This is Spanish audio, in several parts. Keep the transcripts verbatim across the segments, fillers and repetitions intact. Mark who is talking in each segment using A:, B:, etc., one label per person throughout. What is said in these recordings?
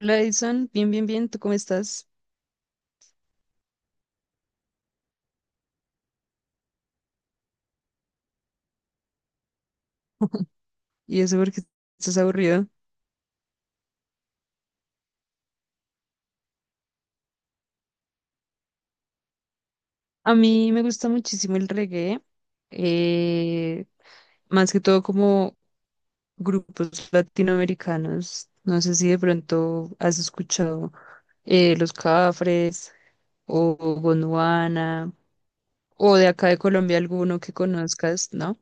A: Hola Edison, bien, bien, bien, ¿tú cómo estás? ¿Y eso porque estás aburrido? A mí me gusta muchísimo el reggae, eh, más que todo como grupos latinoamericanos. No sé si de pronto has escuchado eh, Los Cafres o Gondwana o de acá de Colombia alguno que conozcas, ¿no?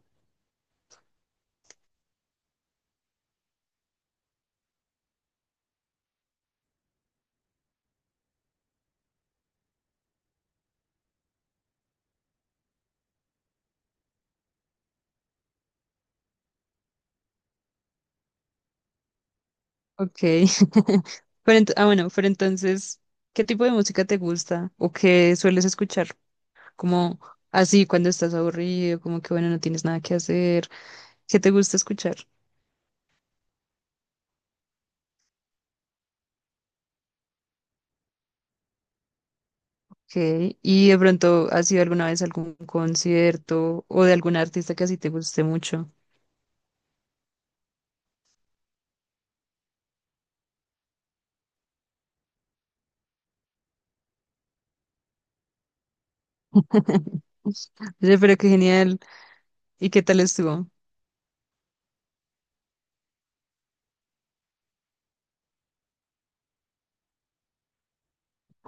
A: Ok. Pero ent- ah, bueno, pero entonces, ¿qué tipo de música te gusta o qué sueles escuchar? Como así cuando estás aburrido, como que bueno, no tienes nada que hacer, ¿qué te gusta escuchar? Okay. ¿Y de pronto has ido alguna vez a algún concierto o de algún artista que así te guste mucho? Oye, pero qué genial. ¿Y qué tal estuvo?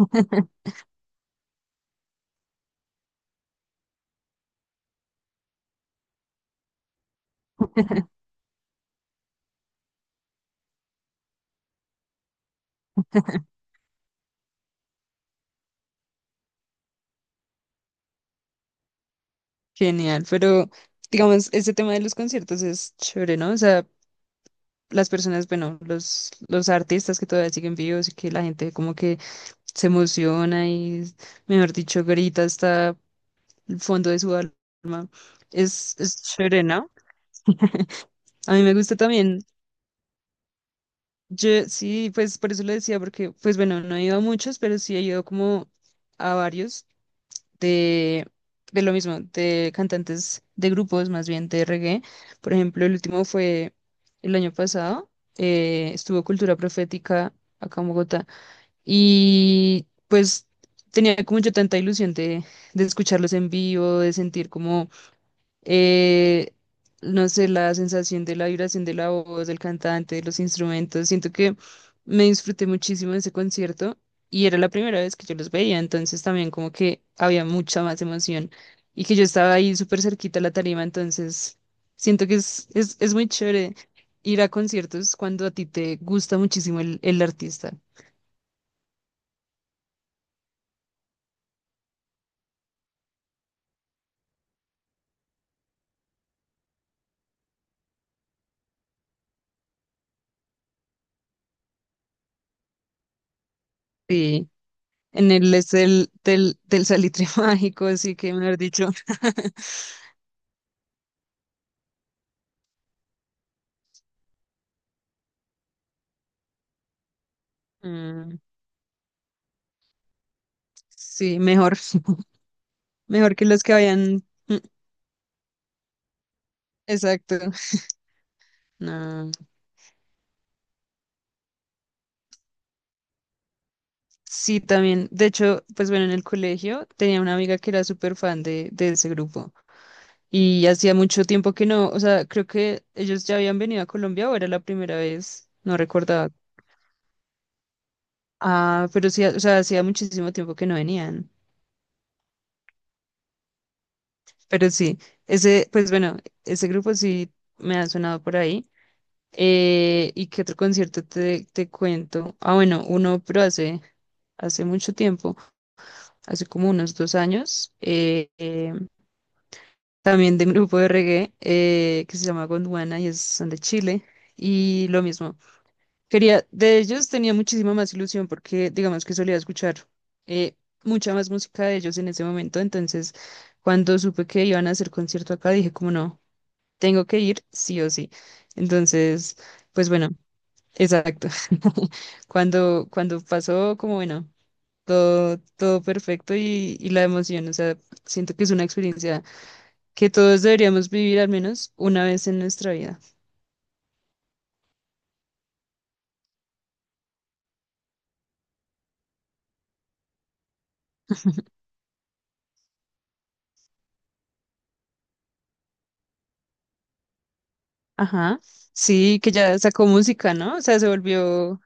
A: Genial, pero digamos, este tema de los conciertos es chévere, ¿no? O sea, las personas, bueno, los, los artistas que todavía siguen vivos y que la gente como que se emociona y, mejor dicho, grita hasta fondo de su alma. Es, es chévere, ¿no? A mí me gusta también. Yo sí, pues por eso lo decía, porque, pues bueno, no he ido a muchos, pero sí he ido como a varios de, de lo mismo, de cantantes de grupos, más bien de reggae. Por ejemplo, el último fue el año pasado, eh, estuvo Cultura Profética acá en Bogotá. Y pues tenía como yo tanta ilusión de, de escucharlos en vivo, de sentir como eh, no sé, la sensación de la vibración de la voz, del cantante, de los instrumentos. Siento que me disfruté muchísimo de ese concierto y era la primera vez que yo los veía, entonces también como que había mucha más emoción y que yo estaba ahí súper cerquita a la tarima, entonces siento que es, es, es muy chévere ir a conciertos cuando a ti te gusta muchísimo el, el artista. Sí. En el es del, del, del Salitre Mágico, así que mejor dicho, mm, sí, mejor. Mejor que los que habían. Mm. Exacto. No. Sí, también. De hecho, pues bueno, en el colegio tenía una amiga que era súper fan de, de ese grupo. Y hacía mucho tiempo que no. O sea, creo que ellos ya habían venido a Colombia o era la primera vez. No recordaba. Ah, pero sí, o sea, hacía muchísimo tiempo que no venían. Pero sí, ese, pues bueno, ese grupo sí me ha sonado por ahí. Eh, ¿y qué otro concierto te, te cuento? Ah, bueno, uno, pero hace, hace mucho tiempo. Hace como unos dos años, eh, eh, también de un grupo de reggae eh, que se llama Gondwana y es, son de Chile. Y lo mismo, quería, de ellos tenía muchísima más ilusión porque digamos que solía escuchar eh, mucha más música de ellos en ese momento. Entonces, cuando supe que iban a hacer concierto acá, dije como no, tengo que ir sí o sí. Entonces, pues bueno, exacto. Cuando, cuando pasó, como bueno todo, todo perfecto y, y la emoción, o sea, siento que es una experiencia que todos deberíamos vivir al menos una vez en nuestra vida. Ajá, sí, que ya sacó música, ¿no? O sea, se volvió,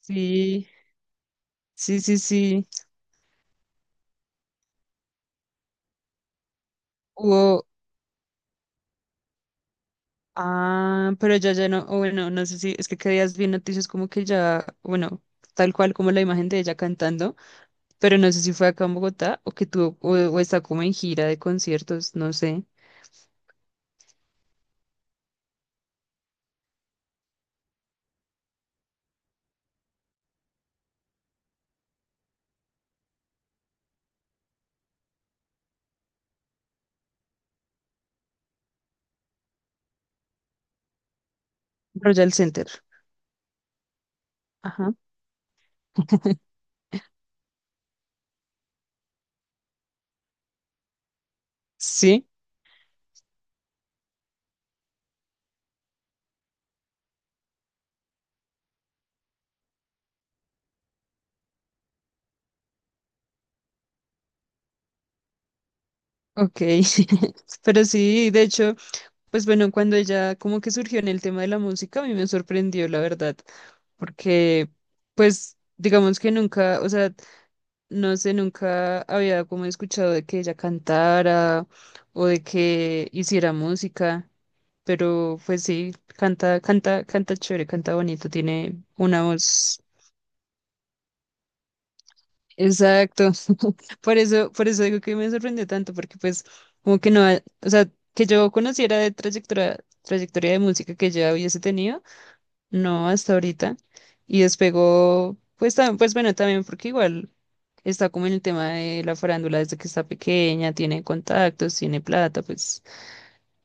A: sí, sí, sí, sí, hubo, ah, pero ya, ya no, o bueno, no sé si, es que qué días vi noticias como que ya, bueno, tal cual como la imagen de ella cantando, pero no sé si fue acá en Bogotá o que tuvo, o, o está como en gira de conciertos, no sé, Royal Center. Ajá. Sí. Ok. Pero sí, de hecho, pues bueno, cuando ella como que surgió en el tema de la música, a mí me sorprendió, la verdad, porque pues digamos que nunca, o sea, no sé, nunca había como escuchado de que ella cantara o de que hiciera música, pero pues sí, canta, canta, canta chévere, canta bonito, tiene una voz. Exacto. Por eso, por eso digo que me sorprendió tanto, porque pues como que no, ha- o sea, que yo conociera de trayectoria, trayectoria de música que ya hubiese tenido, no hasta ahorita. Y despegó, pues también, pues bueno, también porque igual está como en el tema de la farándula desde que está pequeña, tiene contactos, tiene plata, pues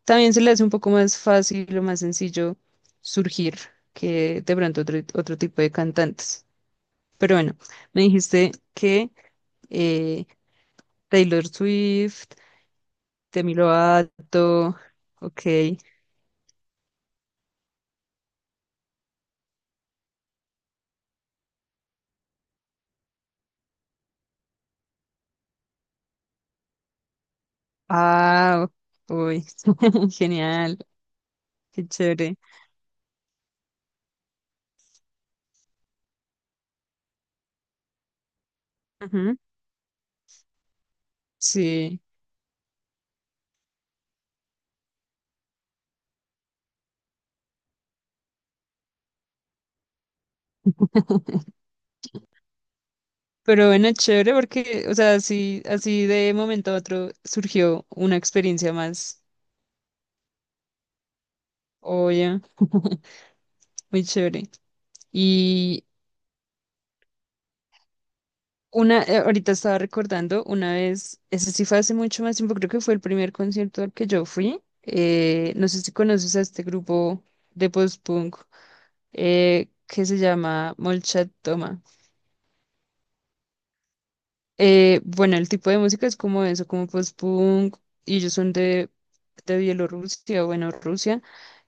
A: también se le hace un poco más fácil o más sencillo surgir que de pronto otro, otro tipo de cantantes. Pero bueno, me dijiste que eh, Taylor Swift. Demi Lovato, ok. Ah, uy, genial, qué chévere. Ujú. Sí, pero bueno, chévere porque, o sea, así, así de momento a otro surgió una experiencia más, oye, muy chévere. Y una, eh, ahorita estaba recordando una vez, ese sí fue hace mucho más tiempo, creo que fue el primer concierto al que yo fui. Eh, no sé si conoces a este grupo de post-punk. Eh, que se llama Molchat Toma. Eh, bueno, el tipo de música es como eso, como post-punk, y ellos son de, de Bielorrusia, bueno, Rusia,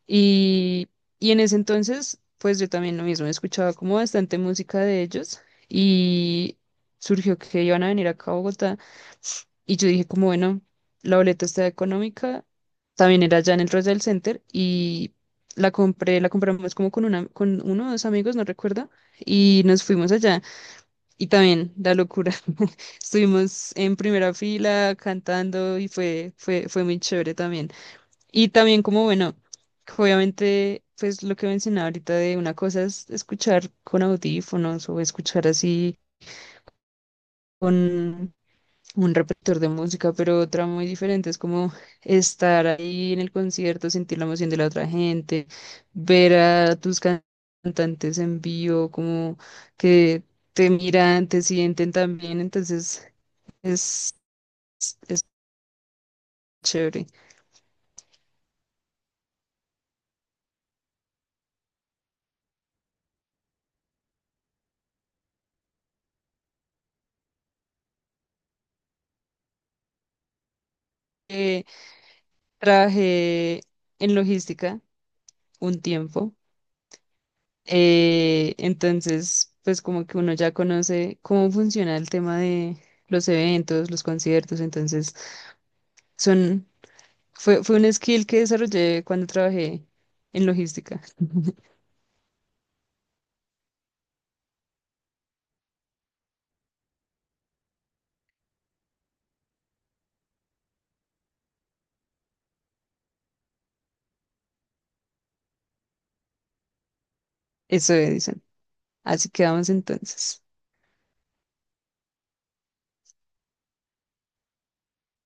A: y, y en ese entonces, pues yo también lo mismo, escuchaba como bastante música de ellos, y surgió que iban a venir acá a Bogotá, y yo dije como, bueno, la boleta está económica, también era allá en el Royal Center, y la compré, la compramos como con una, con uno o dos amigos, no recuerdo, y nos fuimos allá. Y también la locura. Estuvimos en primera fila cantando y fue, fue, fue muy chévere también. Y también como, bueno, obviamente, pues lo que mencionaba ahorita de una cosa es escuchar con audífonos o escuchar así con un repertor de música, pero otra muy diferente es como estar ahí en el concierto, sentir la emoción de la otra gente, ver a tus can- cantantes en vivo, como que te miran, te sienten también, entonces es, es chévere. Eh, trabajé en logística un tiempo, eh, entonces pues como que uno ya conoce cómo funciona el tema de los eventos, los conciertos, entonces son, fue, fue un skill que desarrollé cuando trabajé en logística, eso dicen. Así quedamos entonces.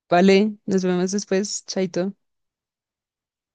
A: Vale, nos vemos después, chaito.